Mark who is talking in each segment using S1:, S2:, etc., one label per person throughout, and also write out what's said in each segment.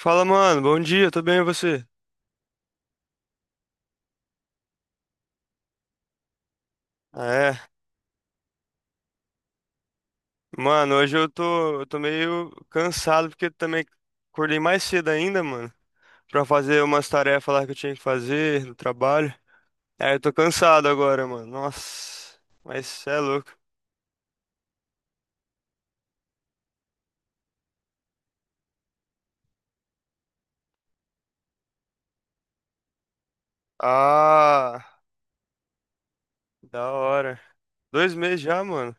S1: Fala, mano. Bom dia, tudo bem e você? Ah, é. Mano, hoje eu tô meio cansado porque também acordei mais cedo ainda, mano, pra fazer umas tarefas lá que eu tinha que fazer no trabalho. É, eu tô cansado agora, mano. Nossa, mas cê é louco. Ah, da hora. 2 meses já, mano.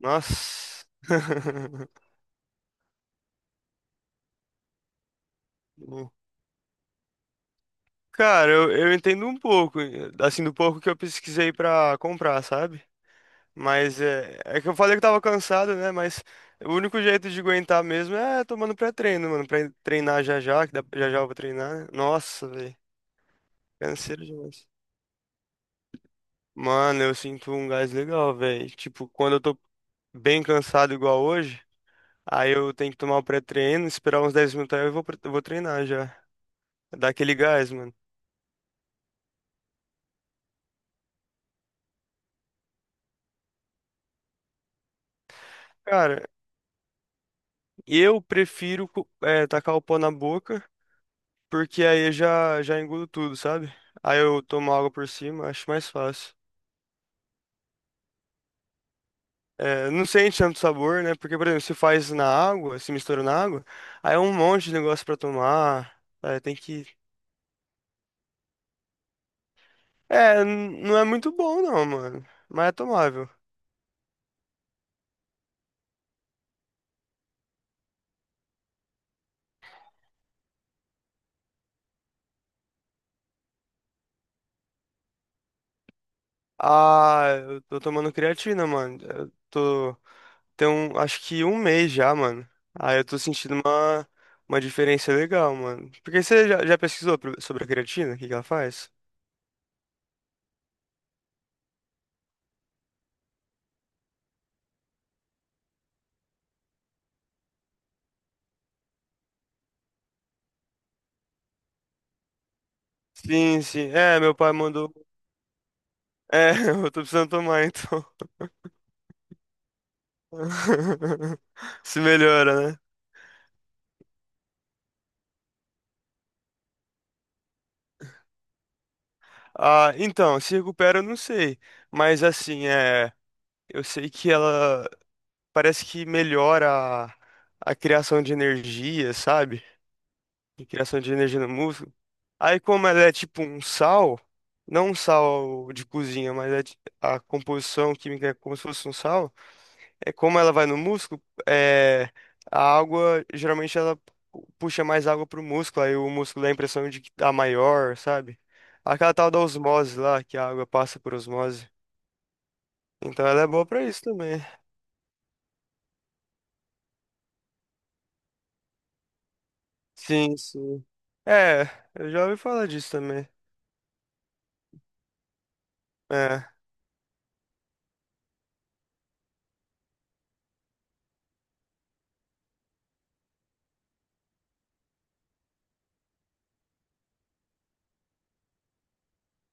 S1: Nossa. Cara, eu entendo um pouco, assim, do pouco que eu pesquisei pra comprar, sabe? Mas é que eu falei que tava cansado, né? Mas o único jeito de aguentar mesmo é tomando pré-treino, mano. Pra treinar já já, que dá, já já eu vou treinar, né? Nossa, velho. Canseiro demais. Mano, eu sinto um gás legal, velho. Tipo, quando eu tô bem cansado igual hoje, aí eu tenho que tomar o pré-treino, esperar uns 10 minutos aí eu vou treinar já. Dá aquele gás, mano. Cara, eu prefiro tacar o pó na boca, porque aí eu já engulo tudo, sabe? Aí eu tomo água por cima, acho mais fácil. É, não sente tanto sabor, né? Porque, por exemplo, se faz na água, se mistura na água, aí é um monte de negócio pra tomar. É, tem que. É, não é muito bom, não, mano. Mas é tomável. Ah, eu tô tomando creatina, mano. Eu tô. Tem um, acho que um mês já, mano. Aí eu tô sentindo uma diferença legal, mano. Porque você já pesquisou sobre a creatina? O que que ela faz? Sim, sim. É, meu pai mandou. É, eu tô precisando tomar, então. Se melhora, né? Ah, então, se recupera, eu não sei. Mas assim, é, eu sei que ela parece que melhora a, a criação de energia, sabe? A criação de energia no músculo. Aí, como ela é tipo um sal, não um sal de cozinha, mas a composição química é como se fosse um sal, como ela vai no músculo, é, a água, geralmente ela puxa mais água pro músculo, aí o músculo dá a impressão de que tá maior, sabe? Aquela tal da osmose lá, que a água passa por osmose. Então ela é boa pra isso também. Sim, sim. É, eu já ouvi falar disso também. É,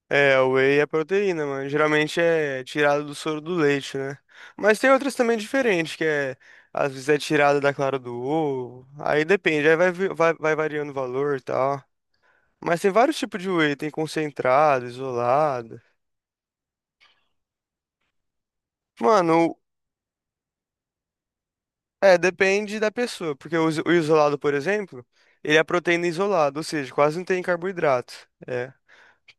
S1: é, o whey é proteína, mano. Geralmente é tirado do soro do leite, né? Mas tem outras também diferentes, que às vezes é tirada da clara do ovo. Aí depende, aí vai variando o valor e tal. Mas tem vários tipos de whey, tem concentrado, isolado. Mano, é, depende da pessoa, porque o isolado, por exemplo, ele é proteína isolada, ou seja, quase não tem carboidrato. É.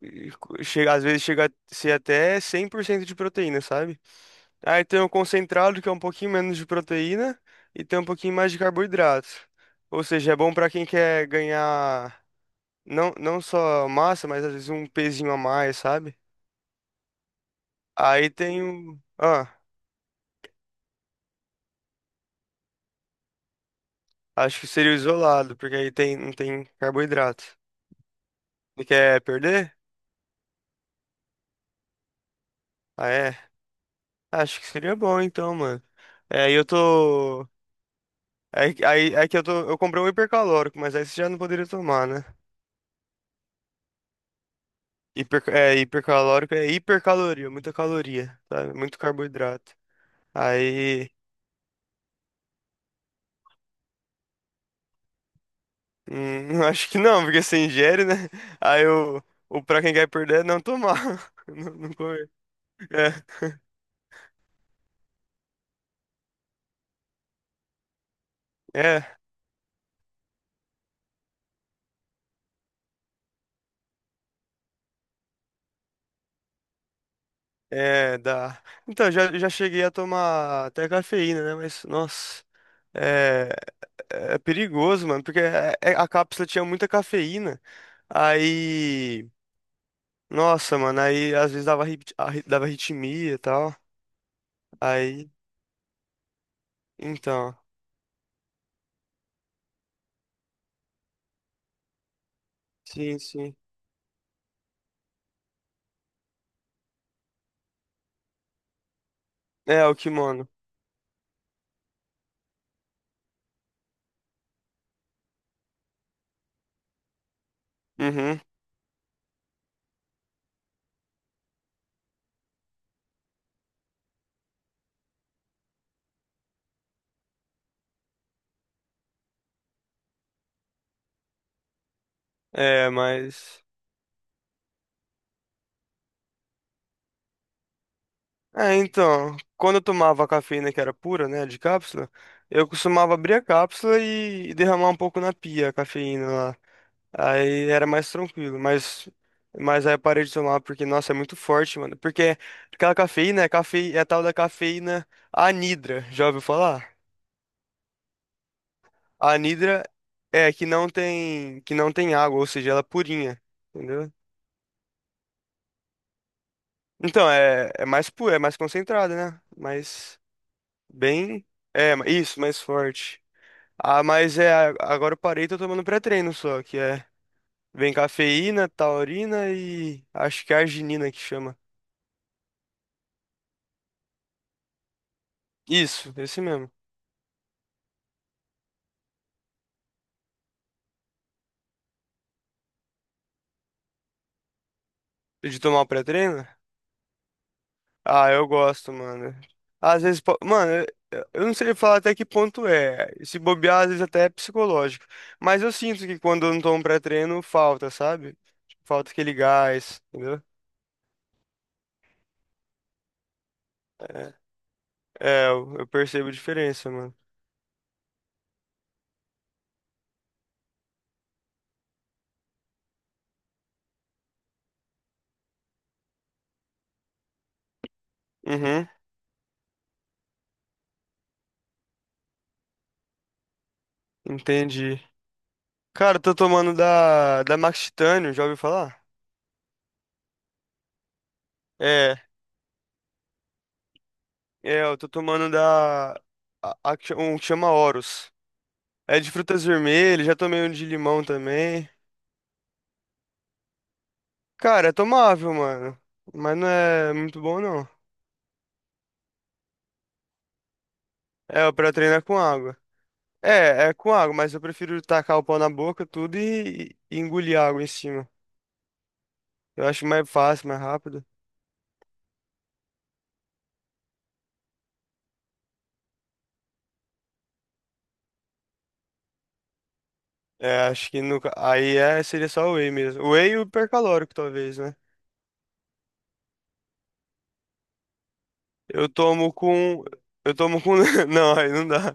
S1: E chega, às vezes chega a ser até 100% de proteína, sabe? Aí tem o concentrado, que é um pouquinho menos de proteína, e tem um pouquinho mais de carboidrato. Ou seja, é bom pra quem quer ganhar não, não só massa, mas às vezes um pezinho a mais, sabe? Aí tem o. Ah. Acho que seria o isolado, porque aí tem, não tem carboidrato. Você quer perder? Ah, é. Acho que seria bom então, mano. É, e eu tô. Aí, aí que eu tô. Eu comprei um hipercalórico, mas aí você já não poderia tomar, né? Hipercalórico é hipercaloria, muita caloria, sabe? Muito carboidrato. Aí. Acho que não, porque você ingere, né? Aí o pra quem quer perder é não tomar. Não, não comer. É. É. É, dá. Então, já cheguei a tomar até cafeína, né? Mas, nossa, é, é perigoso, mano, porque a cápsula tinha muita cafeína. Aí, nossa, mano, aí às vezes dava arritmia e tal. Aí, então, sim, sim. É, o kimono. Uhum. É, mas. É, então, quando eu tomava a cafeína que era pura, né, de cápsula, eu costumava abrir a cápsula e derramar um pouco na pia a cafeína lá. Aí era mais tranquilo, mas, aí eu parei de tomar porque, nossa, é muito forte, mano. Porque aquela cafeína, é a tal da cafeína anidra, já ouviu falar? A anidra é que não tem água, ou seja, ela é purinha, entendeu? Então, é mais pura, é mais concentrada, né? Mas bem, isso, mais forte. Ah, mas agora eu parei e tô tomando pré-treino só, que vem cafeína, taurina e acho que arginina que chama. Isso, esse mesmo. De tomar o pré-treino? Ah, eu gosto, mano. Às vezes, mano, eu não sei falar até que ponto é. Se bobear, às vezes até é psicológico. Mas eu sinto que quando eu não tomo pré-treino, falta, sabe? Tipo, falta aquele gás, entendeu? É, é, eu percebo a diferença, mano. Uhum, entendi. Cara, eu tô tomando da Max Titanium, já ouviu falar? É, é, eu tô tomando da, a que cha- um que chama Horus. É de frutas vermelhas, já tomei um de limão também. Cara, é tomável, mano. Mas não é muito bom, não. É, pra treinar com água. É com água, mas eu prefiro tacar o pau na boca, tudo e engolir água em cima. Eu acho mais fácil, mais rápido. É, acho que no, ca- aí seria só o whey mesmo. O whey e o hipercalórico, talvez, né? Eu tomo com. Eu tomo com. Não, aí não dá.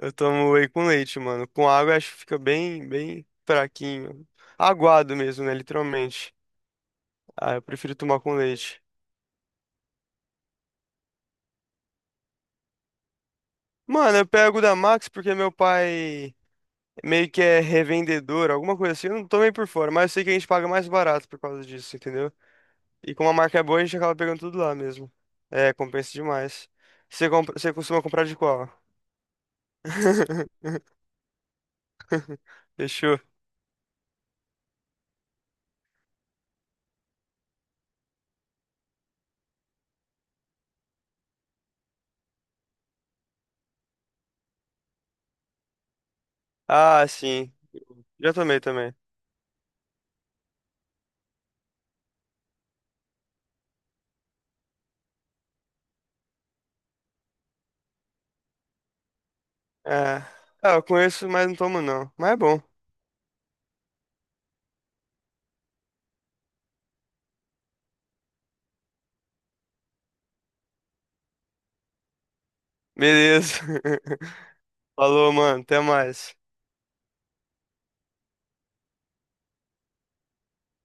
S1: Eu tomo whey com leite, mano. Com água eu acho que fica bem, bem fraquinho. Aguado mesmo, né? Literalmente. Ah, eu prefiro tomar com leite. Mano, eu pego da Max porque meu pai meio que é revendedor, alguma coisa assim. Eu não tô meio por fora, mas eu sei que a gente paga mais barato por causa disso, entendeu? E como a marca é boa, a gente acaba pegando tudo lá mesmo. É, compensa demais. Você costuma comprar de qual? Fechou. Ah, sim. Já tomei também. É. Ah, eu conheço, mas não tomo não. Mas é bom. Beleza. Falou, mano. Até mais.